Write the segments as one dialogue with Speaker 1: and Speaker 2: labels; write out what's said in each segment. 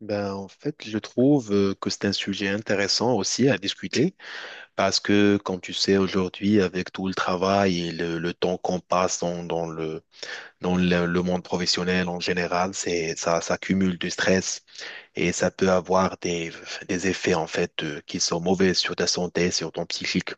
Speaker 1: Ben, en fait, je trouve que c'est un sujet intéressant aussi à discuter parce que, comme tu sais, aujourd'hui, avec tout le travail et le temps qu'on passe dans le monde professionnel en général, ça cumule du stress et ça peut avoir des effets, en fait, qui sont mauvais sur ta santé, sur ton psychique.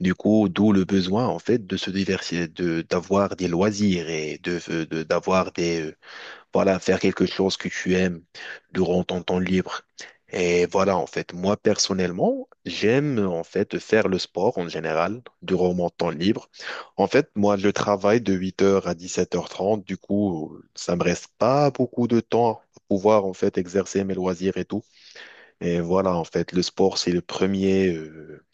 Speaker 1: Du coup, d'où le besoin, en fait, de se diversifier, d'avoir des loisirs et d'avoir voilà, faire quelque chose que tu aimes durant ton temps libre. Et voilà, en fait, moi personnellement, j'aime en fait faire le sport en général durant mon temps libre. En fait, moi, je travaille de 8h à 17h30, du coup, ça me reste pas beaucoup de temps pour pouvoir en fait exercer mes loisirs et tout. Et voilà, en fait, le sport, c'est le premier,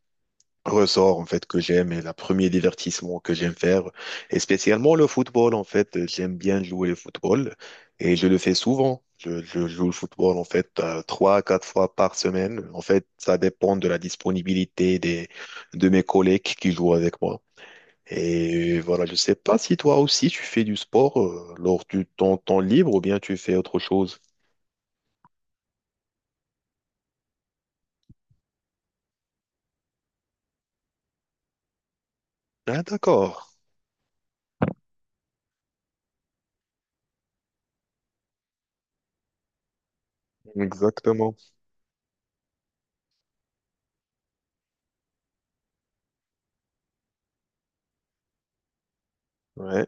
Speaker 1: ressort en fait que j'aime et le premier divertissement que j'aime faire, et spécialement le football. En fait, j'aime bien jouer le football et je le fais souvent. Je joue le football en fait 3 à 4 fois par semaine. En fait, ça dépend de la disponibilité des de mes collègues qui jouent avec moi. Et voilà, je sais pas si toi aussi tu fais du sport lors de ton temps libre ou bien tu fais autre chose. Ah, d'accord. Exactement. Ouais,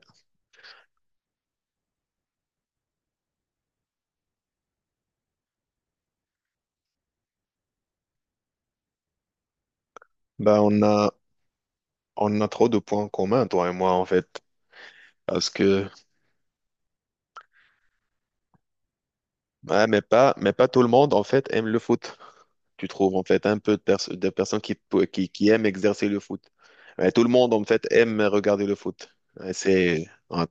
Speaker 1: ben, on a, on a trop de points communs toi et moi, en fait. Parce que, ouais, mais pas tout le monde, en fait, aime le foot. Tu trouves, en fait, un peu de personnes qui aiment exercer le foot. Ouais, tout le monde, en fait, aime regarder le foot. Ouais, ouais.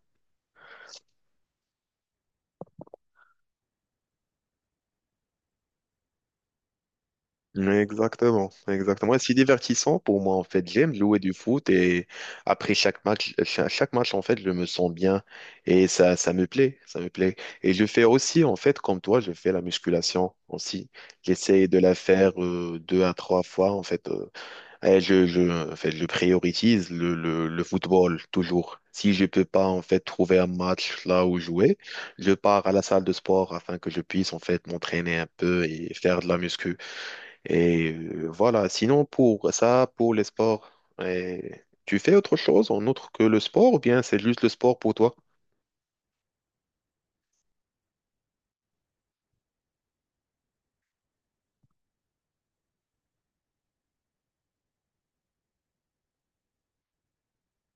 Speaker 1: Exactement, exactement. C'est divertissant pour moi, en fait. J'aime jouer du foot et après chaque match, chaque match, en fait, je me sens bien et ça me plaît, ça me plaît. Et je fais aussi, en fait, comme toi, je fais la musculation aussi. J'essaie de la faire 2 à 3 fois, en fait. Eh, je, je, En fait, je priorise le football toujours. Si je peux pas en fait trouver un match là où jouer, je pars à la salle de sport afin que je puisse en fait m'entraîner un peu et faire de la muscu. Et voilà. Sinon pour ça, pour les sports, tu fais autre chose en autre que le sport ou bien c'est juste le sport pour toi?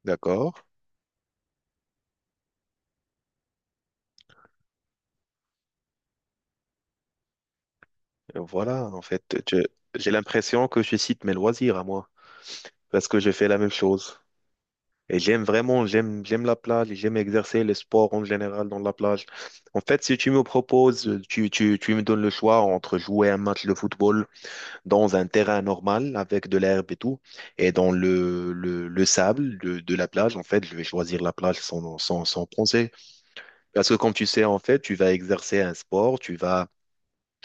Speaker 1: D'accord. Voilà. En fait, je- j'ai l'impression que je cite mes loisirs à moi parce que je fais la même chose. Et j'aime vraiment, j'aime la plage, et j'aime exercer le sport en général dans la plage. En fait, si tu me proposes, tu me donnes le choix entre jouer un match de football dans un terrain normal avec de l'herbe et tout, et dans le sable de la plage, en fait, je vais choisir la plage sans penser. Parce que comme tu sais, en fait, tu vas exercer un sport, tu vas,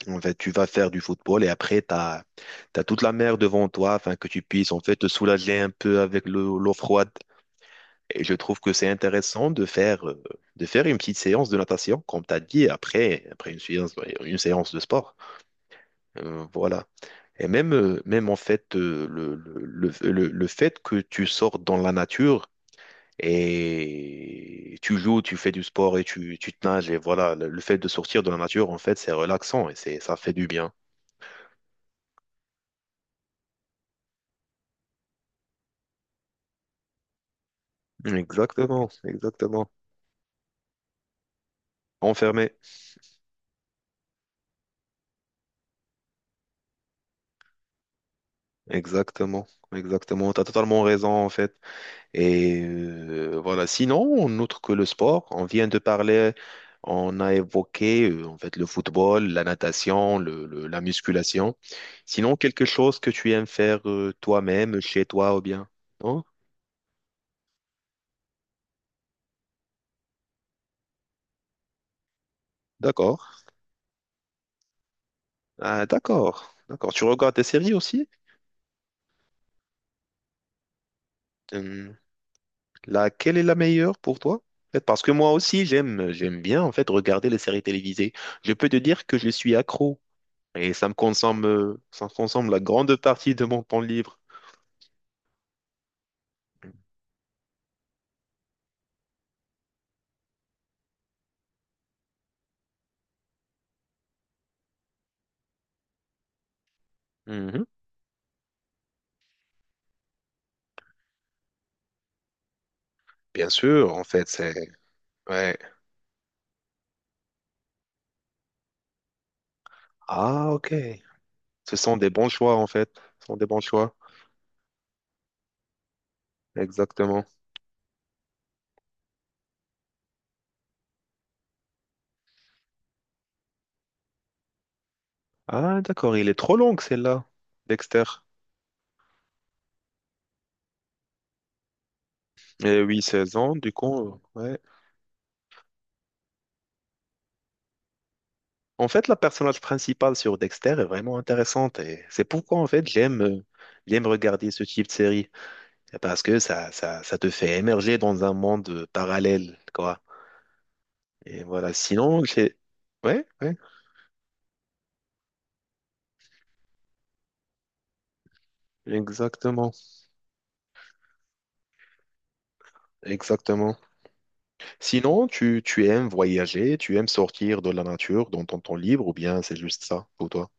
Speaker 1: en fait, tu vas faire du football et après, tu as toute la mer devant toi afin que tu puisses, en fait, te soulager un peu avec l'eau froide. Et je trouve que c'est intéressant de faire, une petite séance de natation, comme tu as dit, après, une séance, ouais, une séance de sport. Voilà. Et même, même en fait, le fait que tu sors dans la nature et tu joues, tu fais du sport et tu te nages, et voilà, le fait de sortir de la nature, en fait, c'est relaxant et ça fait du bien. Exactement, exactement. Enfermé. Exactement, exactement. Tu as totalement raison, en fait. Et voilà. Sinon, autre que le sport, on vient de parler, on a évoqué en fait le football, la natation, la musculation. Sinon, quelque chose que tu aimes faire toi-même, chez toi ou bien? Non? D'accord. Ah, d'accord. D'accord. Tu regardes des séries aussi? Hum, Laquelle est la meilleure pour toi? En fait, parce que moi aussi, j'aime bien en fait regarder les séries télévisées. Je peux te dire que je suis accro et ça me consomme la grande partie de mon temps libre. Mhm. Bien sûr, en fait, c'est. Ouais. Ah, ok. Ce sont des bons choix, en fait. Ce sont des bons choix. Exactement. Ah, d'accord. Il est trop long, celle-là. Dexter. Et oui, 16 ans, du coup, ouais. En fait, la personnage principale sur Dexter est vraiment intéressante. Et c'est pourquoi, en fait, j'aime regarder ce type de série. C'est parce que ça te fait émerger dans un monde parallèle, quoi. Et voilà. Sinon, j'ai. Ouais, ouais. Exactement. Exactement. Sinon, tu aimes voyager, tu aimes sortir de la nature dans ton temps libre, ou bien c'est juste ça pour toi?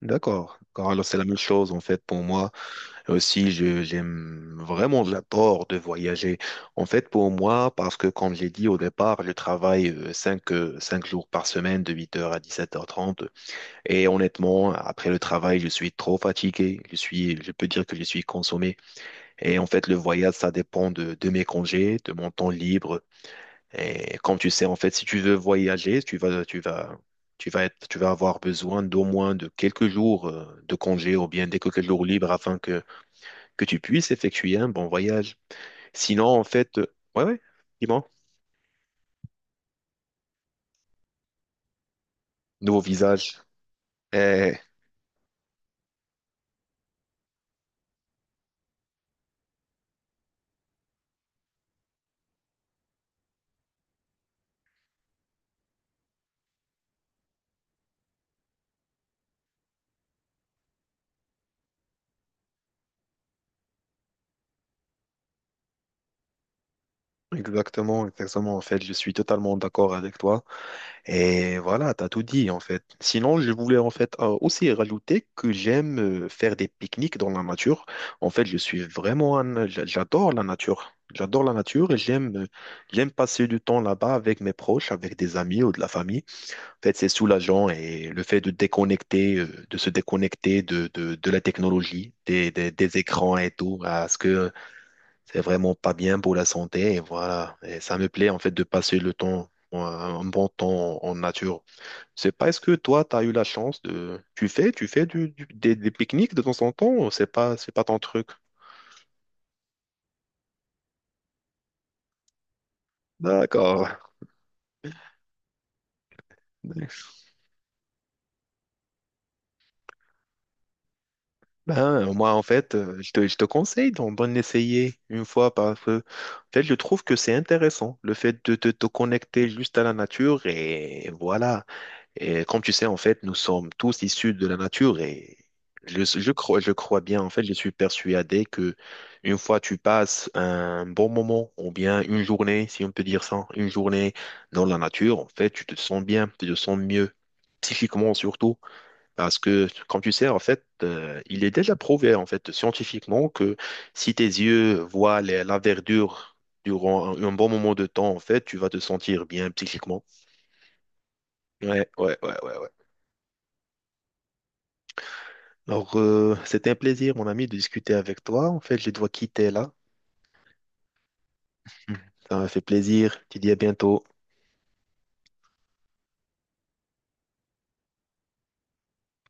Speaker 1: D'accord. Car Alors, c'est la même chose en fait pour moi. Aussi, j'aime vraiment, j'adore de voyager. En fait, pour moi, parce que comme j'ai dit au départ, je travaille 5 jours par semaine de 8h à 17h30. Et honnêtement, après le travail, je suis trop fatigué. Je peux dire que je suis consommé. Et en fait, le voyage, ça dépend de mes congés, de mon temps libre. Et comme tu sais, en fait, si tu veux voyager, tu vas avoir besoin d'au moins de quelques jours de congé ou bien des quelques jours libres afin que tu puisses effectuer un bon voyage. Sinon, en fait, ouais, ouais, dis-moi, nouveau visage. Eh, Exactement, exactement. En fait, je suis totalement d'accord avec toi. Et voilà, t'as tout dit en fait. Sinon, je voulais en fait aussi rajouter que j'aime faire des pique-niques dans la nature. En fait, je suis vraiment J'adore la nature. J'adore la nature et j'aime passer du temps là-bas avec mes proches, avec des amis ou de la famille. En fait, c'est soulageant et le fait de de se déconnecter de la technologie, des écrans et tout, parce que c'est vraiment pas bien pour la santé. Et voilà, et ça me plaît en fait de passer un bon temps en nature. C'est pas, est-ce que toi, tu as eu la chance de. Tu fais des pique-niques de temps en temps ou c'est pas ton truc? D'accord. Ben, moi, en fait, je te conseille d'en essayer une fois parce que, en fait, je trouve que c'est intéressant, le fait de te connecter juste à la nature et voilà. Et comme tu sais, en fait, nous sommes tous issus de la nature et je crois bien, en fait, je suis persuadé que une fois tu passes un bon moment ou bien une journée, si on peut dire ça, une journée dans la nature, en fait, tu te sens bien, tu te sens mieux, psychiquement surtout, parce que, comme tu sais, en fait, il est déjà prouvé, en fait, scientifiquement que si tes yeux voient la verdure durant un bon moment de temps, en fait, tu vas te sentir bien psychiquement. Ouais, ouais, ouais, ouais, ouais. Alors, c'était un plaisir, mon ami, de discuter avec toi. En fait, je dois quitter là. Mhm. Ça m'a fait plaisir. Tu dis à bientôt.